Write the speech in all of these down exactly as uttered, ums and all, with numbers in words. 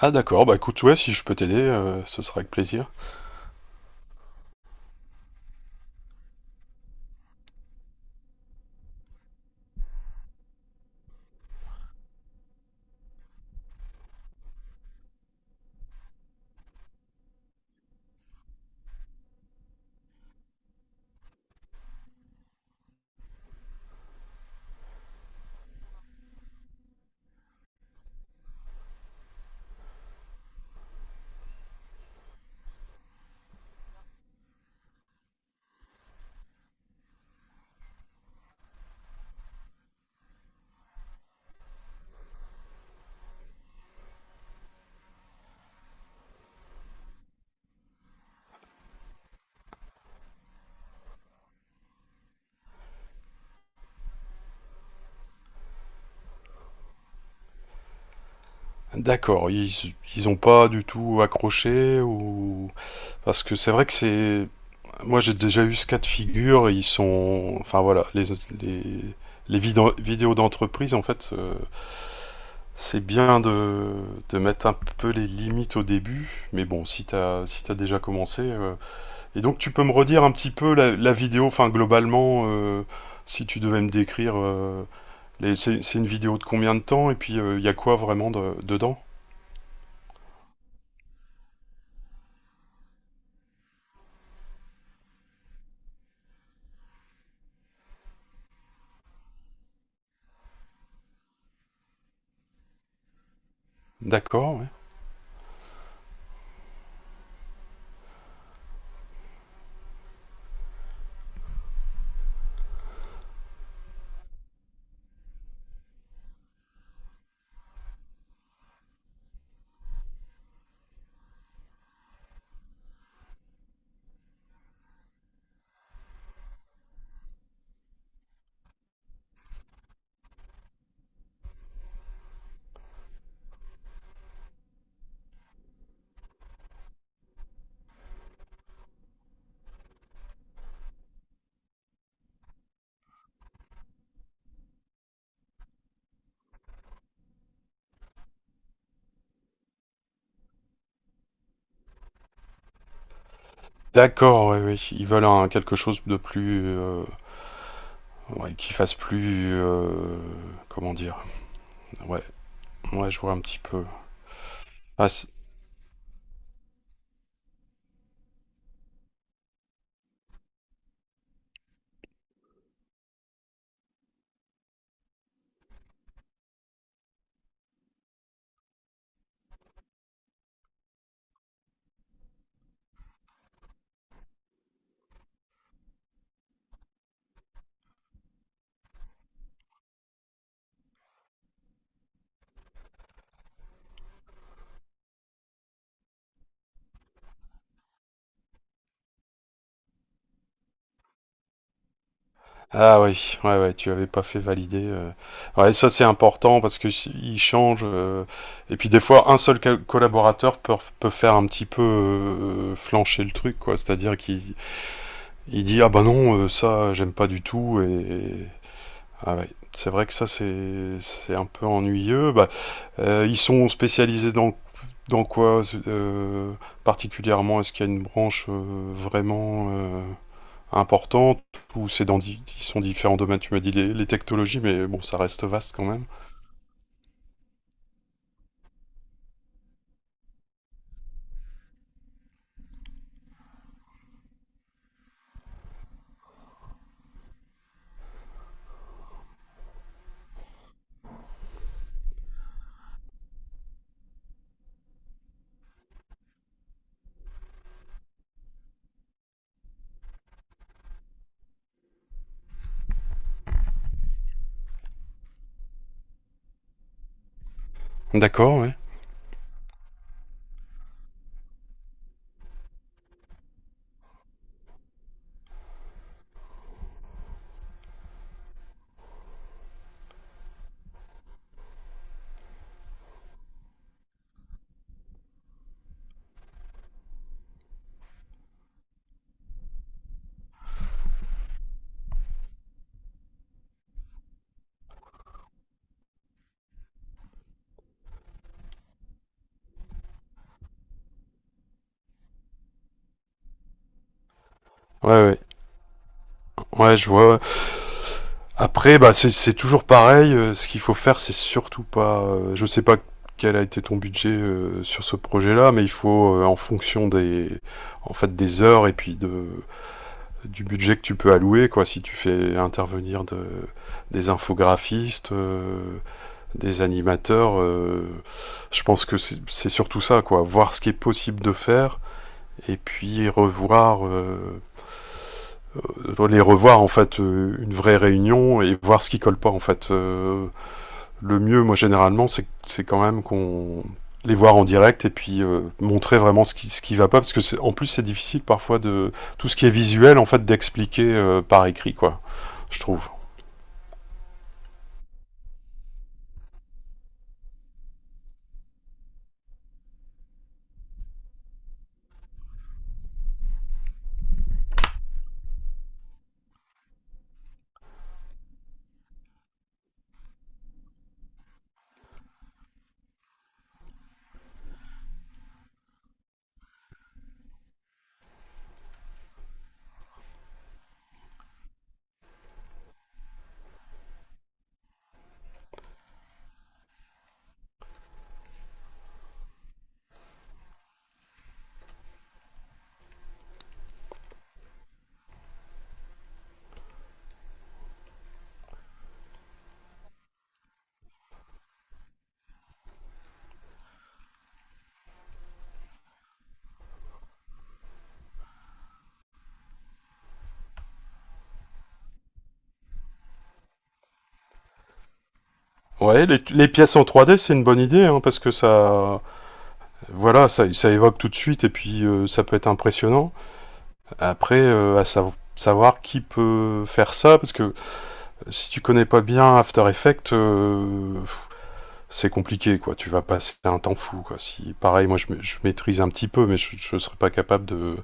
Ah d'accord, bah écoute, ouais, si je peux t'aider, euh, ce sera avec plaisir. D'accord, ils, ils ont pas du tout accroché ou... Parce que c'est vrai que c'est... Moi j'ai déjà eu ce cas de figure, ils sont... Enfin voilà, les, les, les vidéos vidéos d'entreprise, en fait, euh, c'est bien de, de mettre un peu les limites au début, mais bon, si t'as si t'as déjà commencé... euh, Et donc tu peux me redire un petit peu la, la vidéo, enfin globalement, euh, si tu devais me décrire... euh, Les- C'est c'est une vidéo de combien de temps? Et puis, euh, il y a quoi vraiment de- dedans? D'accord, ouais. D'accord, oui, ouais. Ils veulent un, quelque chose de plus... euh, ouais, qui fasse plus... euh, comment dire? Ouais, ouais, je vois un petit peu. Ah, c'est- ah oui, ouais, ouais, tu avais pas fait valider, euh. Ouais, ça c'est important parce que si- ils changent, euh, et puis des fois, un seul ca- collaborateur peut, peut faire un petit peu euh, flancher le truc, quoi. C'est-à-dire qu'il il dit ah bah non, euh, ça j'aime pas du tout et ah ouais, c'est vrai que ça c'est c'est un peu ennuyeux. Bah, euh, ils sont spécialisés dans dans quoi euh, particulièrement? Est-ce qu'il y a une branche euh, vraiment euh, importante ou c'est dans di- ils sont différents domaines? Tu m'as dit les, les technologies, mais bon, ça reste vaste quand même. D'accord, ouais. Ouais, ouais, ouais, je vois, ouais. Après, bah, c'est- c'est toujours pareil, euh, ce qu'il faut faire, c'est surtout pas, euh, je sais pas quel a été ton budget euh, sur ce projet-là, mais il faut, euh, en fonction des, en fait, des heures et puis de, du budget que tu peux allouer, quoi. Si tu fais intervenir de, des infographistes, euh, des animateurs, euh, je pense que c'est c'est surtout ça, quoi. Voir ce qui est possible de faire et puis revoir euh, les revoir en fait euh, une vraie réunion et voir ce qui colle pas en fait euh, le mieux, moi généralement, c'est c'est quand même qu'on les voir en direct et puis euh, montrer vraiment ce qui ce qui va pas parce que en plus c'est difficile parfois de tout ce qui est visuel en fait d'expliquer euh, par écrit quoi je trouve ouais les, les pièces en trois D c'est une bonne idée hein, parce que ça voilà ça ça évoque tout de suite et puis euh, ça peut être impressionnant après euh, à sa- savoir qui peut faire ça parce que si tu connais pas bien After Effects euh, c'est compliqué, quoi. Tu vas passer un temps fou, quoi. Si, pareil, moi, je, ma- je maîtrise un petit peu, mais je, je serais pas capable de,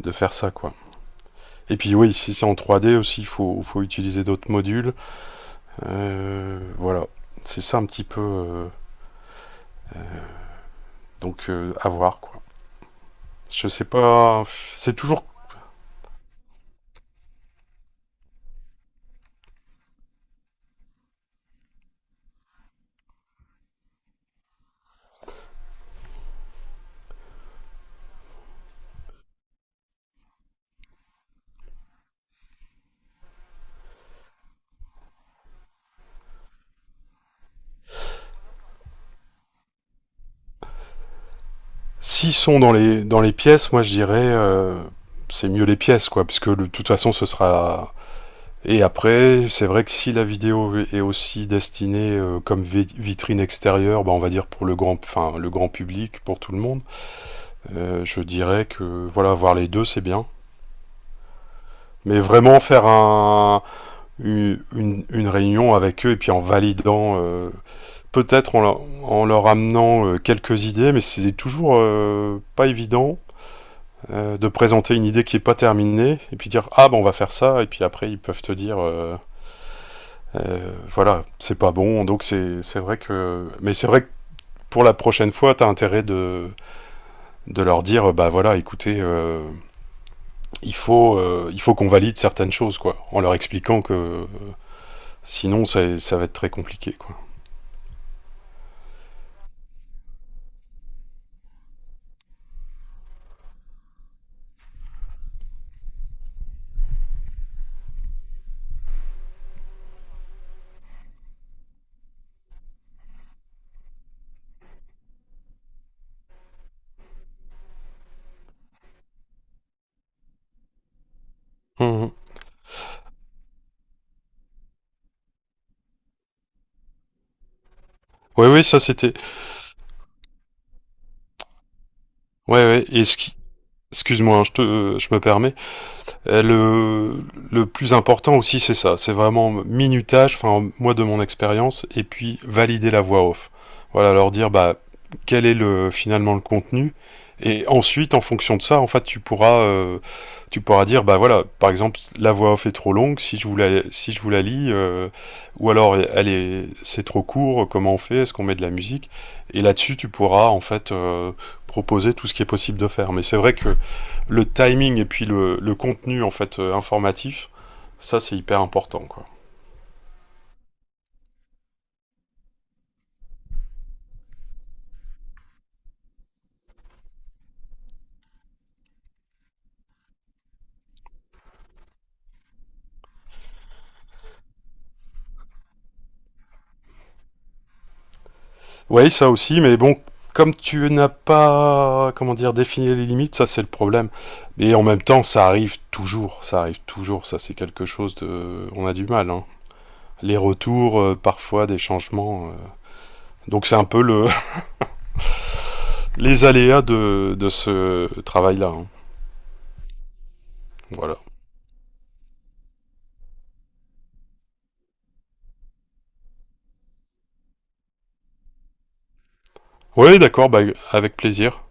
de faire ça, quoi. Et puis, oui, si c'est en trois D aussi, il faut, faut utiliser d'autres modules. Euh, voilà. C'est ça un petit peu, euh, donc, euh, à voir, quoi. Je sais pas. C'est toujours. S'ils sont dans les, dans les pièces, moi, je dirais, euh, c'est mieux les pièces, quoi. Puisque de toute façon, ce sera et après, c'est vrai que si la vidéo est aussi destinée euh, comme vi- vitrine extérieure, bah, on va dire pour le grand, enfin, le grand public, pour tout le monde, euh, je dirais que voilà, voir les deux, c'est bien. Mais vraiment faire un, une, une- une réunion avec eux et puis en validant, euh, peut-être en, leur- en leur amenant euh, quelques idées, mais c'est toujours euh, pas évident euh, de présenter une idée qui est pas terminée et puis dire ah ben on va faire ça et puis après ils peuvent te dire euh, Euh, voilà, c'est pas bon. Donc c'est vrai que. Mais c'est vrai que pour la prochaine fois, t'as intérêt de, de leur dire bah voilà, écoutez, euh, il faut, euh, il faut qu'on valide certaines choses, quoi. En leur expliquant que euh, sinon, ça, ça va être très compliqué, quoi. Mmh. Ouais, ouais, ça c'était. Ouais, ouais, et ce qui. Excuse-moi, hein, je, te, je me permets. Euh, Le, le plus important aussi, c'est ça. C'est vraiment minutage, enfin, moi de mon expérience, et puis valider la voix off. Voilà, leur dire, bah, quel est le, finalement le contenu. Et ensuite, en fonction de ça, en fait, tu pourras, euh, tu pourras dire, bah voilà, par exemple, la voix off est trop longue, si je vous la, si je vous la lis, euh, ou alors elle est, c'est trop court, comment on fait, est-ce qu'on met de la musique et là-dessus, tu pourras en fait euh, proposer tout ce qui est possible de faire. Mais c'est vrai que le timing et puis le, le contenu en fait euh, informatif, ça c'est hyper important quoi. Oui, ça aussi, mais bon, comme tu n'as pas comment dire défini les limites, ça c'est le problème. Et en même temps, ça arrive toujours, ça arrive toujours, ça c'est quelque chose de, on a du mal, hein. Les retours, euh, parfois des changements, euh. Donc c'est un peu le les aléas de, de ce travail-là, hein. Voilà. Oui, d'accord, bah, avec plaisir.